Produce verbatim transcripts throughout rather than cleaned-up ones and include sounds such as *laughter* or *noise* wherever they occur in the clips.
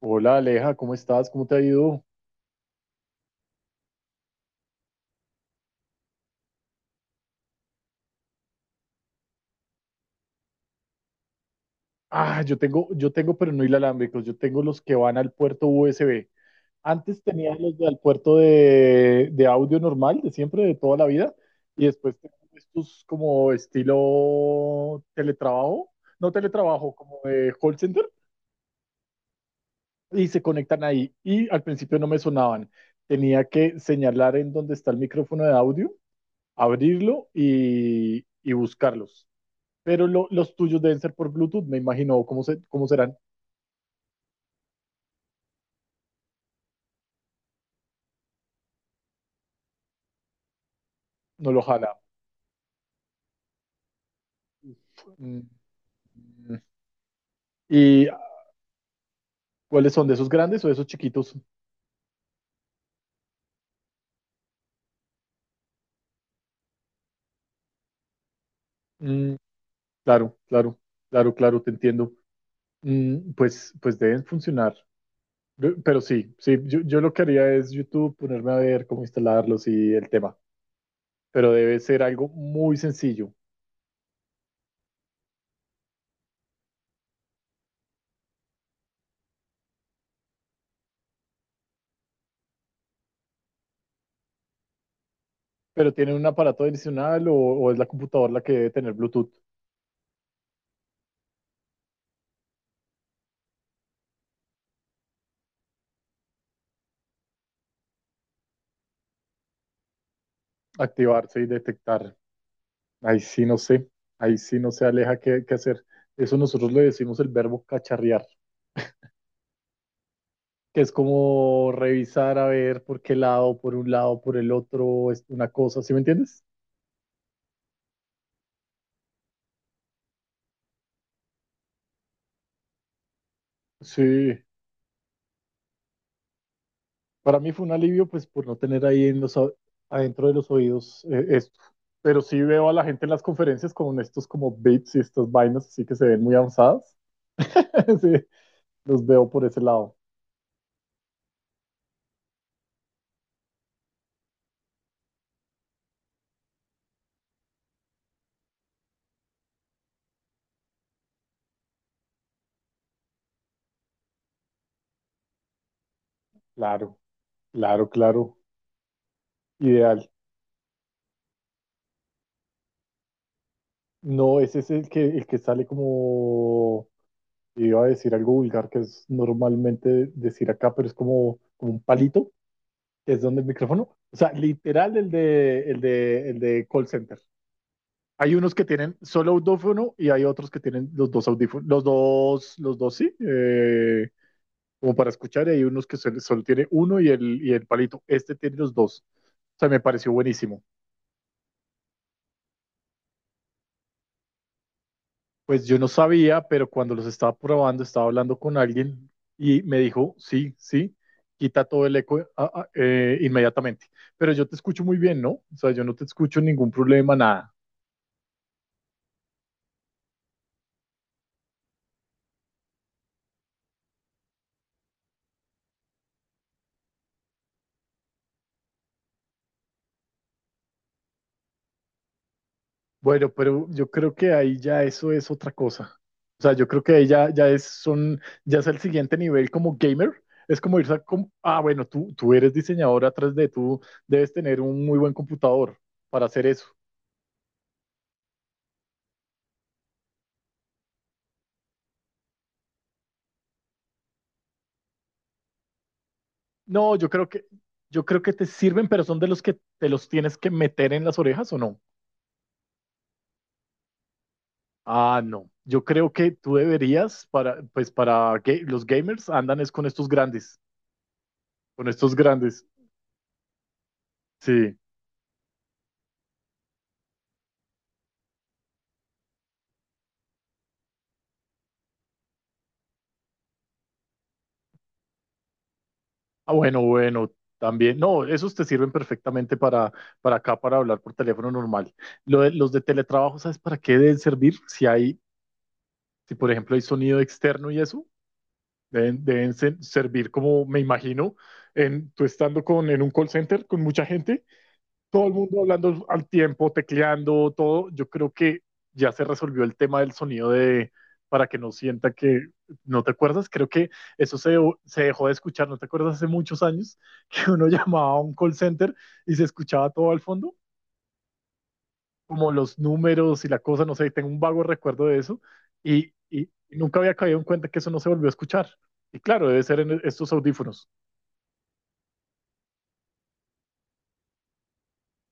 Hola Aleja, ¿cómo estás? ¿Cómo te ha ido? Ah, yo tengo, yo tengo, pero no inalámbricos, yo tengo los que van al puerto U S B. Antes tenía los del puerto de, de audio normal, de siempre, de toda la vida, y después tengo estos como estilo teletrabajo, no teletrabajo, como de call center, y se conectan ahí. Y al principio no me sonaban. Tenía que señalar en dónde está el micrófono de audio, abrirlo y, y buscarlos. Pero lo- los tuyos deben ser por Bluetooth, me imagino. ¿Cómo, se, cómo serán? No lo jala. Mm, mm. ¿Y cuáles son? ¿De esos grandes o de esos chiquitos? Mm, claro, claro, claro, claro, te entiendo. Mm, pues, pues deben funcionar. Yo- Pero sí, sí, yo, yo lo que haría es YouTube, ponerme a ver cómo instalarlos y el tema. Pero debe ser algo muy sencillo. ¿Pero tienen un aparato adicional o, o es la computadora la que debe tener Bluetooth? Activarse y detectar. Ahí sí no sé, ahí sí no sé, Aleja, qué, qué hacer. Eso nosotros le decimos el verbo cacharrear, que es como revisar a ver por qué lado, por un lado, por el otro, es una cosa, ¿sí me entiendes? Sí, para mí fue un alivio pues por no tener ahí en los, o- adentro de los oídos eh, esto. Pero sí veo a la gente en las conferencias con estos como bits y estas vainas así que se ven muy avanzadas. *laughs* Sí, los veo por ese lado. Claro, claro, claro. Ideal. No, ese es el que, el que sale como. Iba a decir algo vulgar que es normalmente decir acá, pero es como, como un palito, que es donde el micrófono. O sea, literal el de, el de, el de call center. Hay unos que tienen solo audífono y hay otros que tienen los dos audífonos, los dos, los dos sí, eh, como para escuchar, y hay unos que solo, solo tiene uno y el, y el palito. Este tiene los dos. O sea, me pareció buenísimo. Pues yo no sabía, pero cuando los estaba probando, estaba hablando con alguien y me dijo, sí, sí, quita todo el eco ah, ah, eh, inmediatamente. Pero yo te escucho muy bien, ¿no? O sea, yo no te escucho ningún problema, nada. Bueno, pero yo creo que ahí ya eso es otra cosa. O sea, yo creo que ahí ya, ya es, son, ya es el siguiente nivel como gamer. Es como irse a, com- ah, bueno, tú, tú eres diseñador atrás de tú, debes tener un muy buen computador para hacer eso. No, yo creo que, yo creo que te sirven, pero son de los que te los tienes que meter en las orejas o no. Ah, no. Yo creo que tú deberías para, pues para que los gamers andan es con estos grandes, con estos grandes. Sí. Ah, bueno, bueno, también. No, esos te sirven perfectamente para, para acá, para hablar por teléfono normal. Lo de- los de teletrabajo, ¿sabes para qué deben servir? Si hay, si por ejemplo hay sonido externo y eso, deben, deben ser- servir como me imagino, en, tú estando con, en un call center con mucha gente, todo el mundo hablando al tiempo, tecleando, todo. Yo creo que ya se resolvió el tema del sonido de para que no sienta que no te acuerdas. Creo que eso se, se dejó de escuchar. ¿No te acuerdas hace muchos años *laughs* que uno llamaba a un call center y se escuchaba todo al fondo? Como los números y la cosa, no sé, tengo un vago recuerdo de eso. Y, y nunca había caído en cuenta que eso no se volvió a escuchar. Y claro, debe ser en estos audífonos.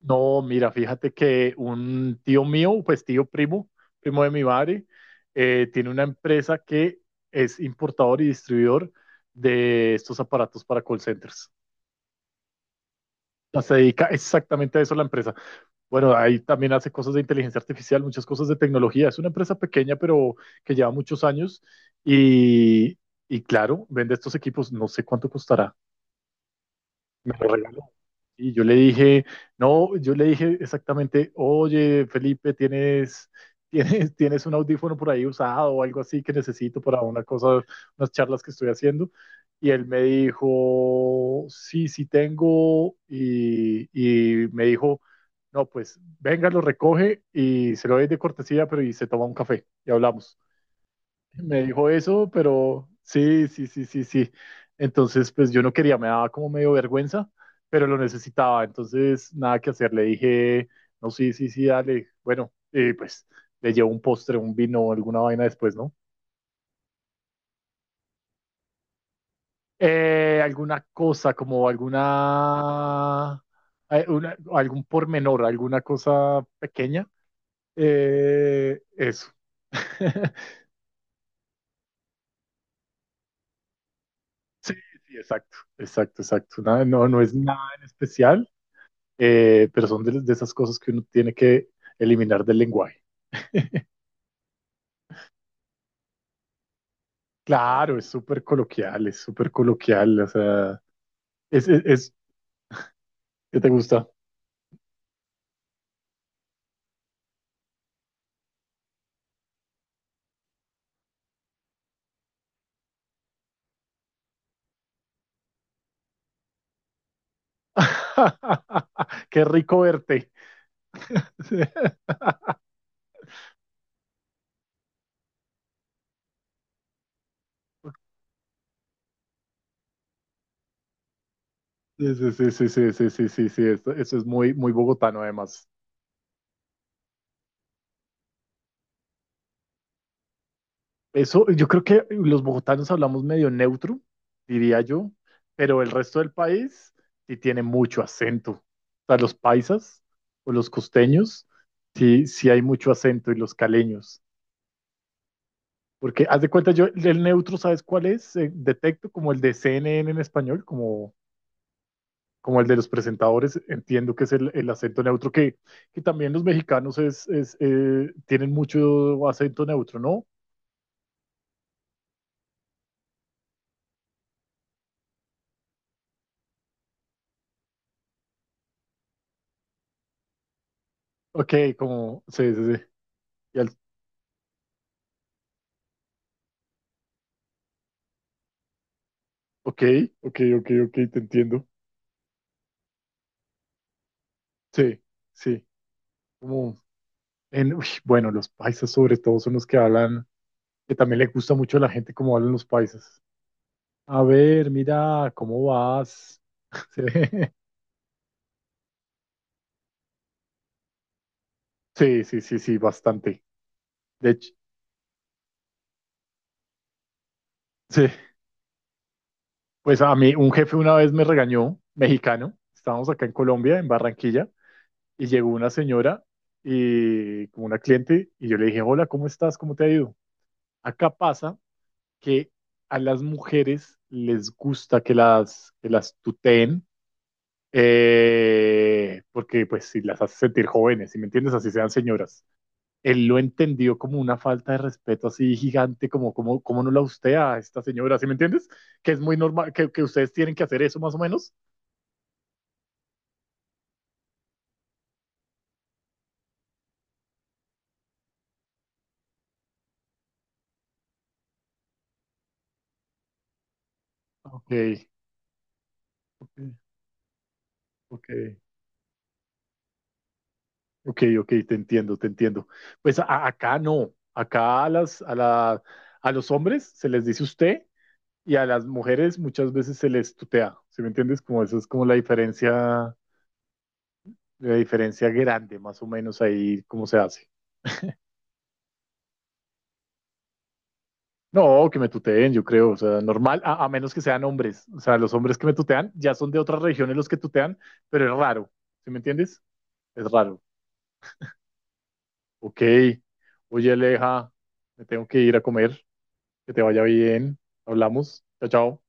No, mira, fíjate que un tío mío, pues tío primo, primo de mi madre, eh, tiene una empresa que es importador y distribuidor de estos aparatos para call centers. O sea, se dedica exactamente a eso la empresa. Bueno, ahí también hace cosas de inteligencia artificial, muchas cosas de tecnología. Es una empresa pequeña, pero que lleva muchos años y, y claro, vende estos equipos. No sé cuánto costará. ¿Me lo regalas? Y yo le dije, no, yo le dije exactamente, oye, Felipe, tienes, *laughs* tienes, tienes un audífono por ahí usado o algo así que necesito para una cosa, unas charlas que estoy haciendo. Y él me dijo, sí, sí tengo. Y, y me dijo, no, pues venga, lo recoge y se lo doy de cortesía, pero y se toma un café y hablamos. Me dijo eso, pero sí, sí, sí, sí, sí. Entonces, pues yo no quería, me daba como medio vergüenza, pero lo necesitaba. Entonces, nada que hacer. Le dije, no, sí, sí, sí, dale. Bueno, eh, pues le llevo un postre, un vino, alguna vaina después, ¿no? Eh, alguna cosa, como alguna, eh, una- algún pormenor, alguna cosa pequeña. Eh, eso. *laughs* Sí, exacto, exacto, exacto. Nada- no, no es nada en especial. Eh, pero son de, de esas cosas que uno tiene que eliminar del lenguaje. Claro, es súper coloquial, es súper coloquial, o sea, es, es, es- ¿qué te gusta? *laughs* Qué rico verte. *laughs* Sí, sí, sí, sí, sí, sí, sí, sí, sí, esto- eso es muy, muy bogotano además. Eso, yo creo que los bogotanos hablamos medio neutro, diría yo, pero el resto del país sí tiene mucho acento. O sea, los paisas o los costeños, sí, sí hay mucho acento y los caleños. Porque haz de cuenta, yo el neutro, ¿sabes cuál es? Eh, detecto como el de C N N en español, como, como el de los presentadores, entiendo que es el, el acento neutro, que, que también los mexicanos es, es, eh, tienen mucho acento neutro, ¿no? Ok, como, sí, sí, sí. Y al ok, ok, ok, ok, te entiendo. Sí, sí. Como en, uy, bueno, los paisas sobre todo son los que hablan, que también le gusta mucho a la gente cómo hablan los paisas. A ver, mira, ¿cómo vas? *laughs* Sí, sí, sí, sí, sí, bastante. De hecho, sí. Pues a mí un jefe una vez me regañó, mexicano. Estábamos acá en Colombia, en Barranquilla, y llegó una señora y como una cliente y yo le dije, hola, ¿cómo estás? ¿Cómo te ha ido? Acá pasa que a las mujeres les gusta que las, que las tuteen, eh, porque pues si las hace sentir jóvenes, si me entiendes, así sean señoras. Él lo entendió como una falta de respeto así gigante, como, como, como no la usted a esta señora, ¿sí me entiendes? Que es muy normal, que, que ustedes tienen que hacer eso más o menos. Ok, ok, ok, ok, ok, te entiendo, te entiendo. Pues a- acá no, acá a, las, a, la, a los hombres se les dice usted y a las mujeres muchas veces se les tutea, ¿sí me entiendes? Como eso es como la diferencia, la diferencia grande, más o menos ahí cómo se hace. No, que me tuteen, yo creo, o sea, normal, a, a menos que sean hombres, o sea, los hombres que me tutean ya son de otras regiones los que tutean, pero es raro, ¿sí me entiendes? Es raro. Ok, oye Aleja, me tengo que ir a comer, que te vaya bien, hablamos, chao, chao.